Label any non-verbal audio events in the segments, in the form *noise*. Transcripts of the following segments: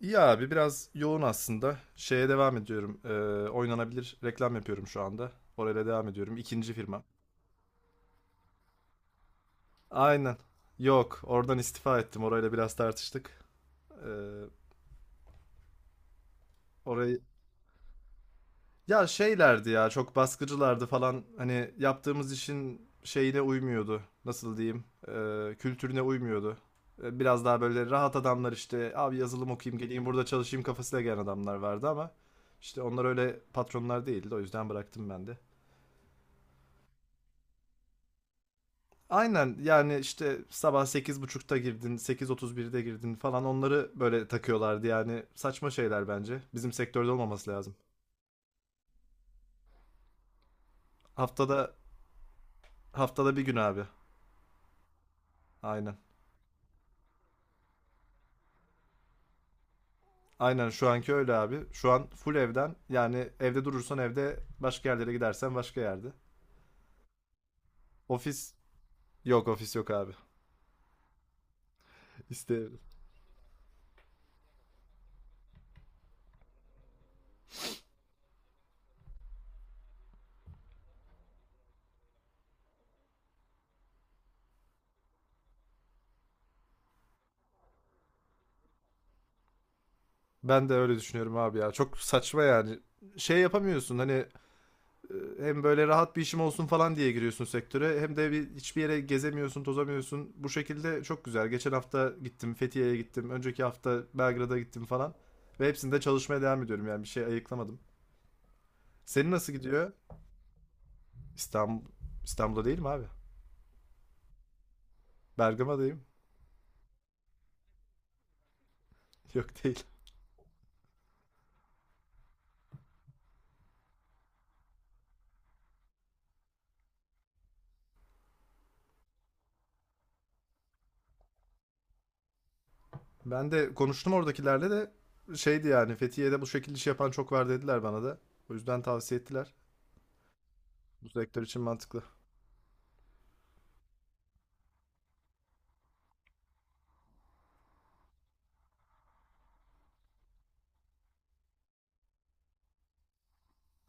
İyi abi biraz yoğun aslında. Şeye devam ediyorum. Oynanabilir reklam yapıyorum şu anda. Orayla devam ediyorum. İkinci firma. Aynen. Yok, oradan istifa ettim. Orayla biraz tartıştık. Ee, orayı ya şeylerdi ya çok baskıcılardı falan. Hani yaptığımız işin şeyine uymuyordu. Nasıl diyeyim? Kültürüne uymuyordu. Biraz daha böyle rahat adamlar işte abi yazılım okuyayım geleyim burada çalışayım kafasıyla gelen adamlar vardı ama işte onlar öyle patronlar değildi. O yüzden bıraktım ben de. Aynen yani işte sabah sekiz buçukta girdin, sekiz otuz birde girdin falan onları böyle takıyorlardı yani saçma şeyler bence. Bizim sektörde olmaması lazım. Haftada haftada bir gün abi. Aynen. Aynen şu anki öyle abi. Şu an full evden yani evde durursan evde başka yerlere gidersen başka yerde. Ofis ofis yok abi. *laughs* İsteyemem. Ben de öyle düşünüyorum abi ya. Çok saçma yani. Şey yapamıyorsun hani hem böyle rahat bir işim olsun falan diye giriyorsun sektöre hem de bir, hiçbir yere gezemiyorsun, tozamıyorsun. Bu şekilde çok güzel. Geçen hafta gittim, Fethiye'ye gittim. Önceki hafta Belgrad'a gittim falan. Ve hepsinde çalışmaya devam ediyorum yani bir şey ayıklamadım. Senin nasıl gidiyor? İstanbul İstanbul'da değilim abi. Bergama'dayım. *laughs* Yok değil. Ben de konuştum oradakilerle de şeydi yani Fethiye'de bu şekilde iş yapan çok var dediler bana da. O yüzden tavsiye ettiler. Bu sektör için mantıklı.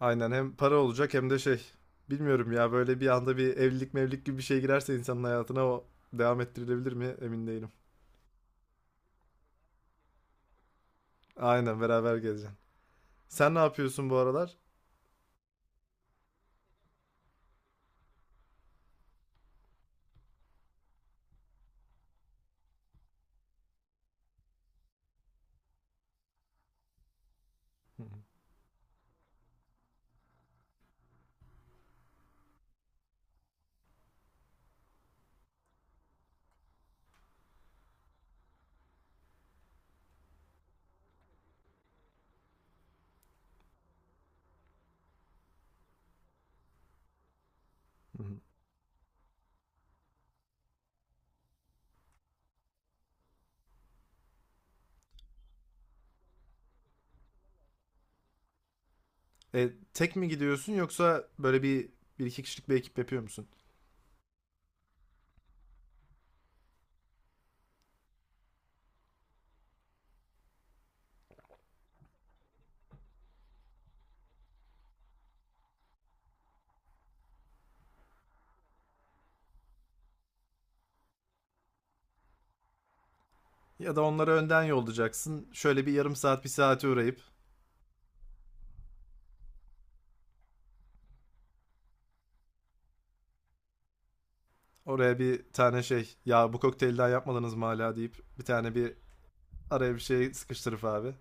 Aynen hem para olacak hem de şey. Bilmiyorum ya böyle bir anda bir evlilik mevlilik gibi bir şey girerse insanın hayatına o devam ettirilebilir mi emin değilim. Aynen beraber gezeceksin. Sen ne yapıyorsun bu aralar? Hı hı, hı hı. Tek mi gidiyorsun yoksa böyle bir iki kişilik bir ekip yapıyor musun? Ya da onları önden yollayacaksın. Şöyle bir yarım saat bir saate uğrayıp oraya bir tane şey ya bu kokteylden yapmadınız mı hala deyip bir tane bir araya bir şey sıkıştırıp abi.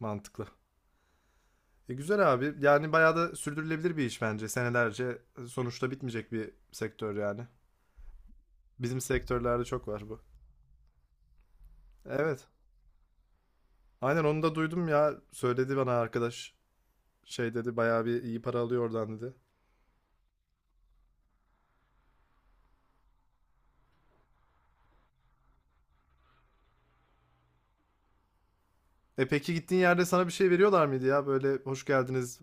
Mantıklı. E güzel abi. Yani bayağı da sürdürülebilir bir iş bence. Senelerce sonuçta bitmeyecek bir sektör yani. Bizim sektörlerde çok var bu. Evet. Aynen onu da duydum ya. Söyledi bana arkadaş. Şey dedi bayağı bir iyi para alıyor oradan dedi. E peki gittiğin yerde sana bir şey veriyorlar mıydı ya? Böyle hoş geldiniz.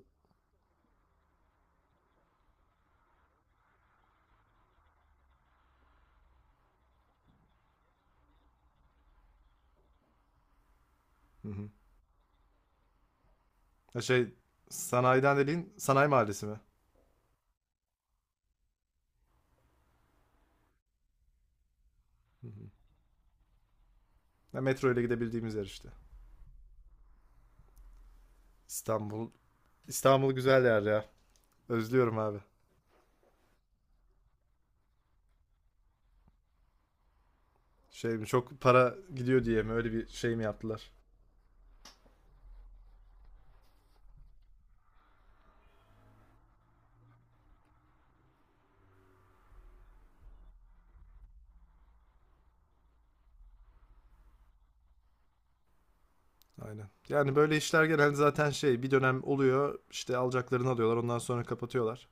Hı hı. Ya şey sanayiden dediğin sanayi mahallesi mi? Ya metro ile gidebildiğimiz yer işte. İstanbul. İstanbul güzel yer ya. Özlüyorum abi. Şey mi çok para gidiyor diye mi öyle bir şey mi yaptılar? Aynen. Yani böyle işler genelde zaten şey bir dönem oluyor işte alacaklarını alıyorlar ondan sonra kapatıyorlar.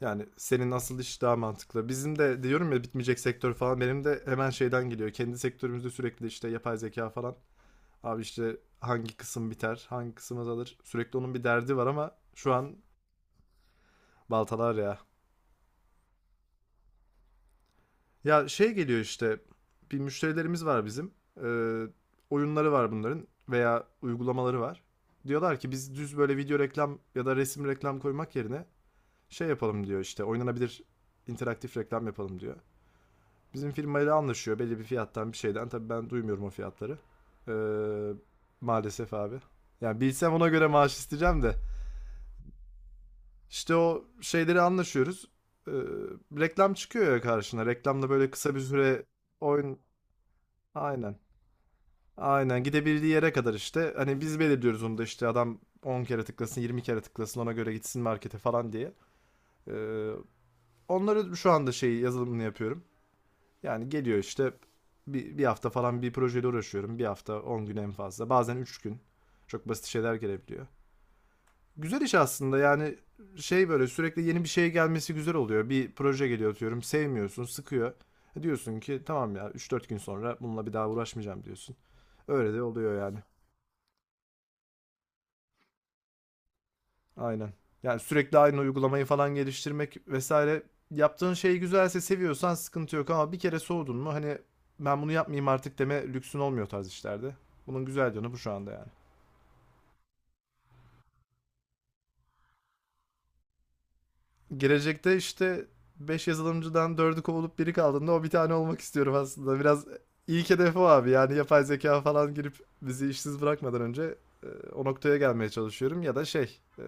Yani senin asıl iş daha mantıklı. Bizim de diyorum ya bitmeyecek sektör falan benim de hemen şeyden geliyor. Kendi sektörümüzde sürekli işte yapay zeka falan. Abi işte hangi kısım biter, hangi kısım azalır. Sürekli onun bir derdi var ama şu an baltalar ya. Ya şey geliyor işte bir müşterilerimiz var bizim. Ee, Oyunları var bunların veya uygulamaları var. Diyorlar ki biz düz böyle video reklam ya da resim reklam koymak yerine şey yapalım diyor işte oynanabilir interaktif reklam yapalım diyor. Bizim firmayla anlaşıyor belli bir fiyattan bir şeyden. Tabii ben duymuyorum o fiyatları. Ee, maalesef abi. Yani bilsem ona göre maaş isteyeceğim de. İşte o şeyleri anlaşıyoruz. Ee, Reklam çıkıyor ya karşına. Reklamda böyle kısa bir süre oyun... Aynen. Aynen gidebildiği yere kadar işte. Hani biz belirliyoruz onu da işte adam 10 kere tıklasın 20 kere tıklasın ona göre gitsin markete falan diye. Ee, Onları şu anda şey yazılımını yapıyorum. Yani geliyor işte bir hafta falan bir projeyle uğraşıyorum. Bir hafta 10 gün en fazla. Bazen 3 gün. Çok basit şeyler gelebiliyor. Güzel iş aslında yani şey böyle sürekli yeni bir şey gelmesi güzel oluyor. Bir proje geliyor atıyorum sevmiyorsun sıkıyor. E diyorsun ki tamam ya üç dört gün sonra bununla bir daha uğraşmayacağım diyorsun. Öyle de oluyor yani. Aynen. Yani sürekli aynı uygulamayı falan geliştirmek vesaire. Yaptığın şey güzelse seviyorsan sıkıntı yok ama bir kere soğudun mu hani ben bunu yapmayayım artık deme lüksün olmuyor tarz işlerde. Bunun güzel yanı bu şu anda yani. Gelecekte işte 5 yazılımcıdan dördü kovulup biri kaldığında o bir tane olmak istiyorum aslında. Biraz ilk hedef o abi yani yapay zeka falan girip bizi işsiz bırakmadan önce e, o noktaya gelmeye çalışıyorum ya da şey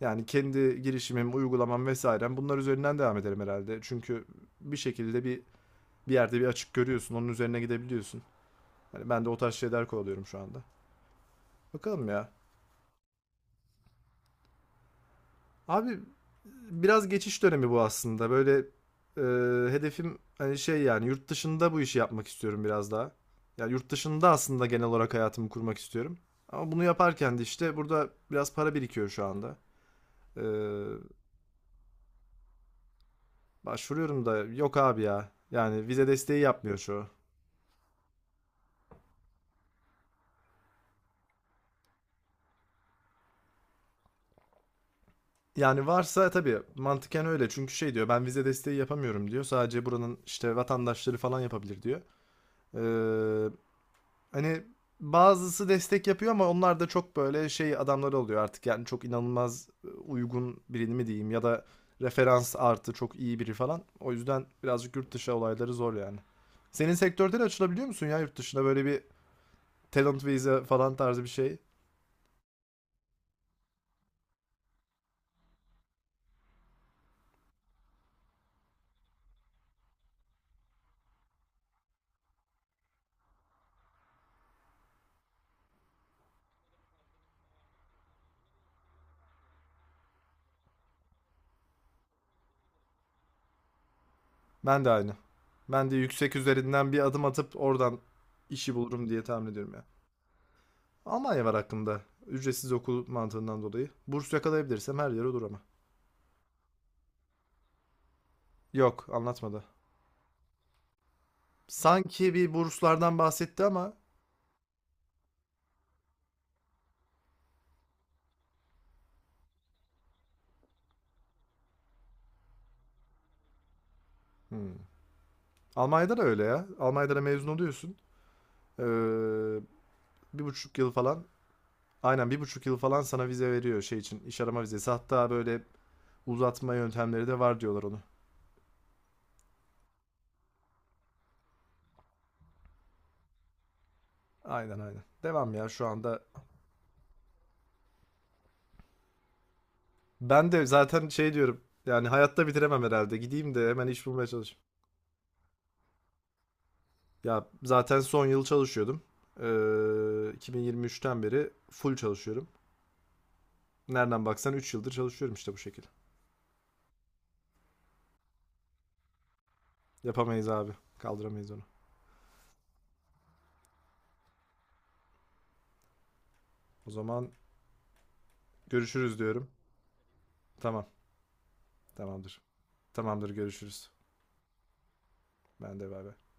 yani kendi girişimim, uygulamam vesairem bunlar üzerinden devam ederim herhalde. Çünkü bir şekilde bir yerde bir açık görüyorsun, onun üzerine gidebiliyorsun. Hani ben de o tarz şeyler kovalıyorum şu anda. Bakalım ya. Abi biraz geçiş dönemi bu aslında. Böyle e, hedefim hani şey yani yurt dışında bu işi yapmak istiyorum biraz daha. Yani yurt dışında aslında genel olarak hayatımı kurmak istiyorum. Ama bunu yaparken de işte burada biraz para birikiyor şu anda. E, başvuruyorum da yok abi ya. Yani vize desteği yapmıyor şu. Yani varsa tabii mantıken öyle. Çünkü şey diyor ben vize desteği yapamıyorum diyor. Sadece buranın işte vatandaşları falan yapabilir diyor. Ee, hani bazısı destek yapıyor ama onlar da çok böyle şey adamları oluyor artık. Yani çok inanılmaz uygun birini mi diyeyim ya da referans artı çok iyi biri falan. O yüzden birazcık yurt dışı olayları zor yani. Senin sektörde de açılabiliyor musun ya yurt dışına böyle bir talent vize falan tarzı bir şey? Ben de aynı. Ben de yüksek üzerinden bir adım atıp oradan işi bulurum diye tahmin ediyorum ya. Almanya var hakkında. Ücretsiz okul mantığından dolayı. Burs yakalayabilirsem her yere olur ama. Yok, anlatmadı. Sanki bir burslardan bahsetti ama. Hmm. Almanya'da da öyle ya. Almanya'da da mezun oluyorsun. Ee, bir buçuk yıl falan. Aynen bir buçuk yıl falan sana vize veriyor şey için. İş arama vizesi. Hatta böyle uzatma yöntemleri de var diyorlar onu. Aynen aynen. Devam ya şu anda ben de zaten şey diyorum. Yani hayatta bitiremem herhalde. Gideyim de hemen iş bulmaya çalışayım. Ya zaten son yıl çalışıyordum. 2023'ten beri full çalışıyorum. Nereden baksan 3 yıldır çalışıyorum işte bu şekilde. Yapamayız abi. Kaldıramayız onu. O zaman görüşürüz diyorum. Tamam. Tamamdır. Tamamdır görüşürüz. Ben de bay bay.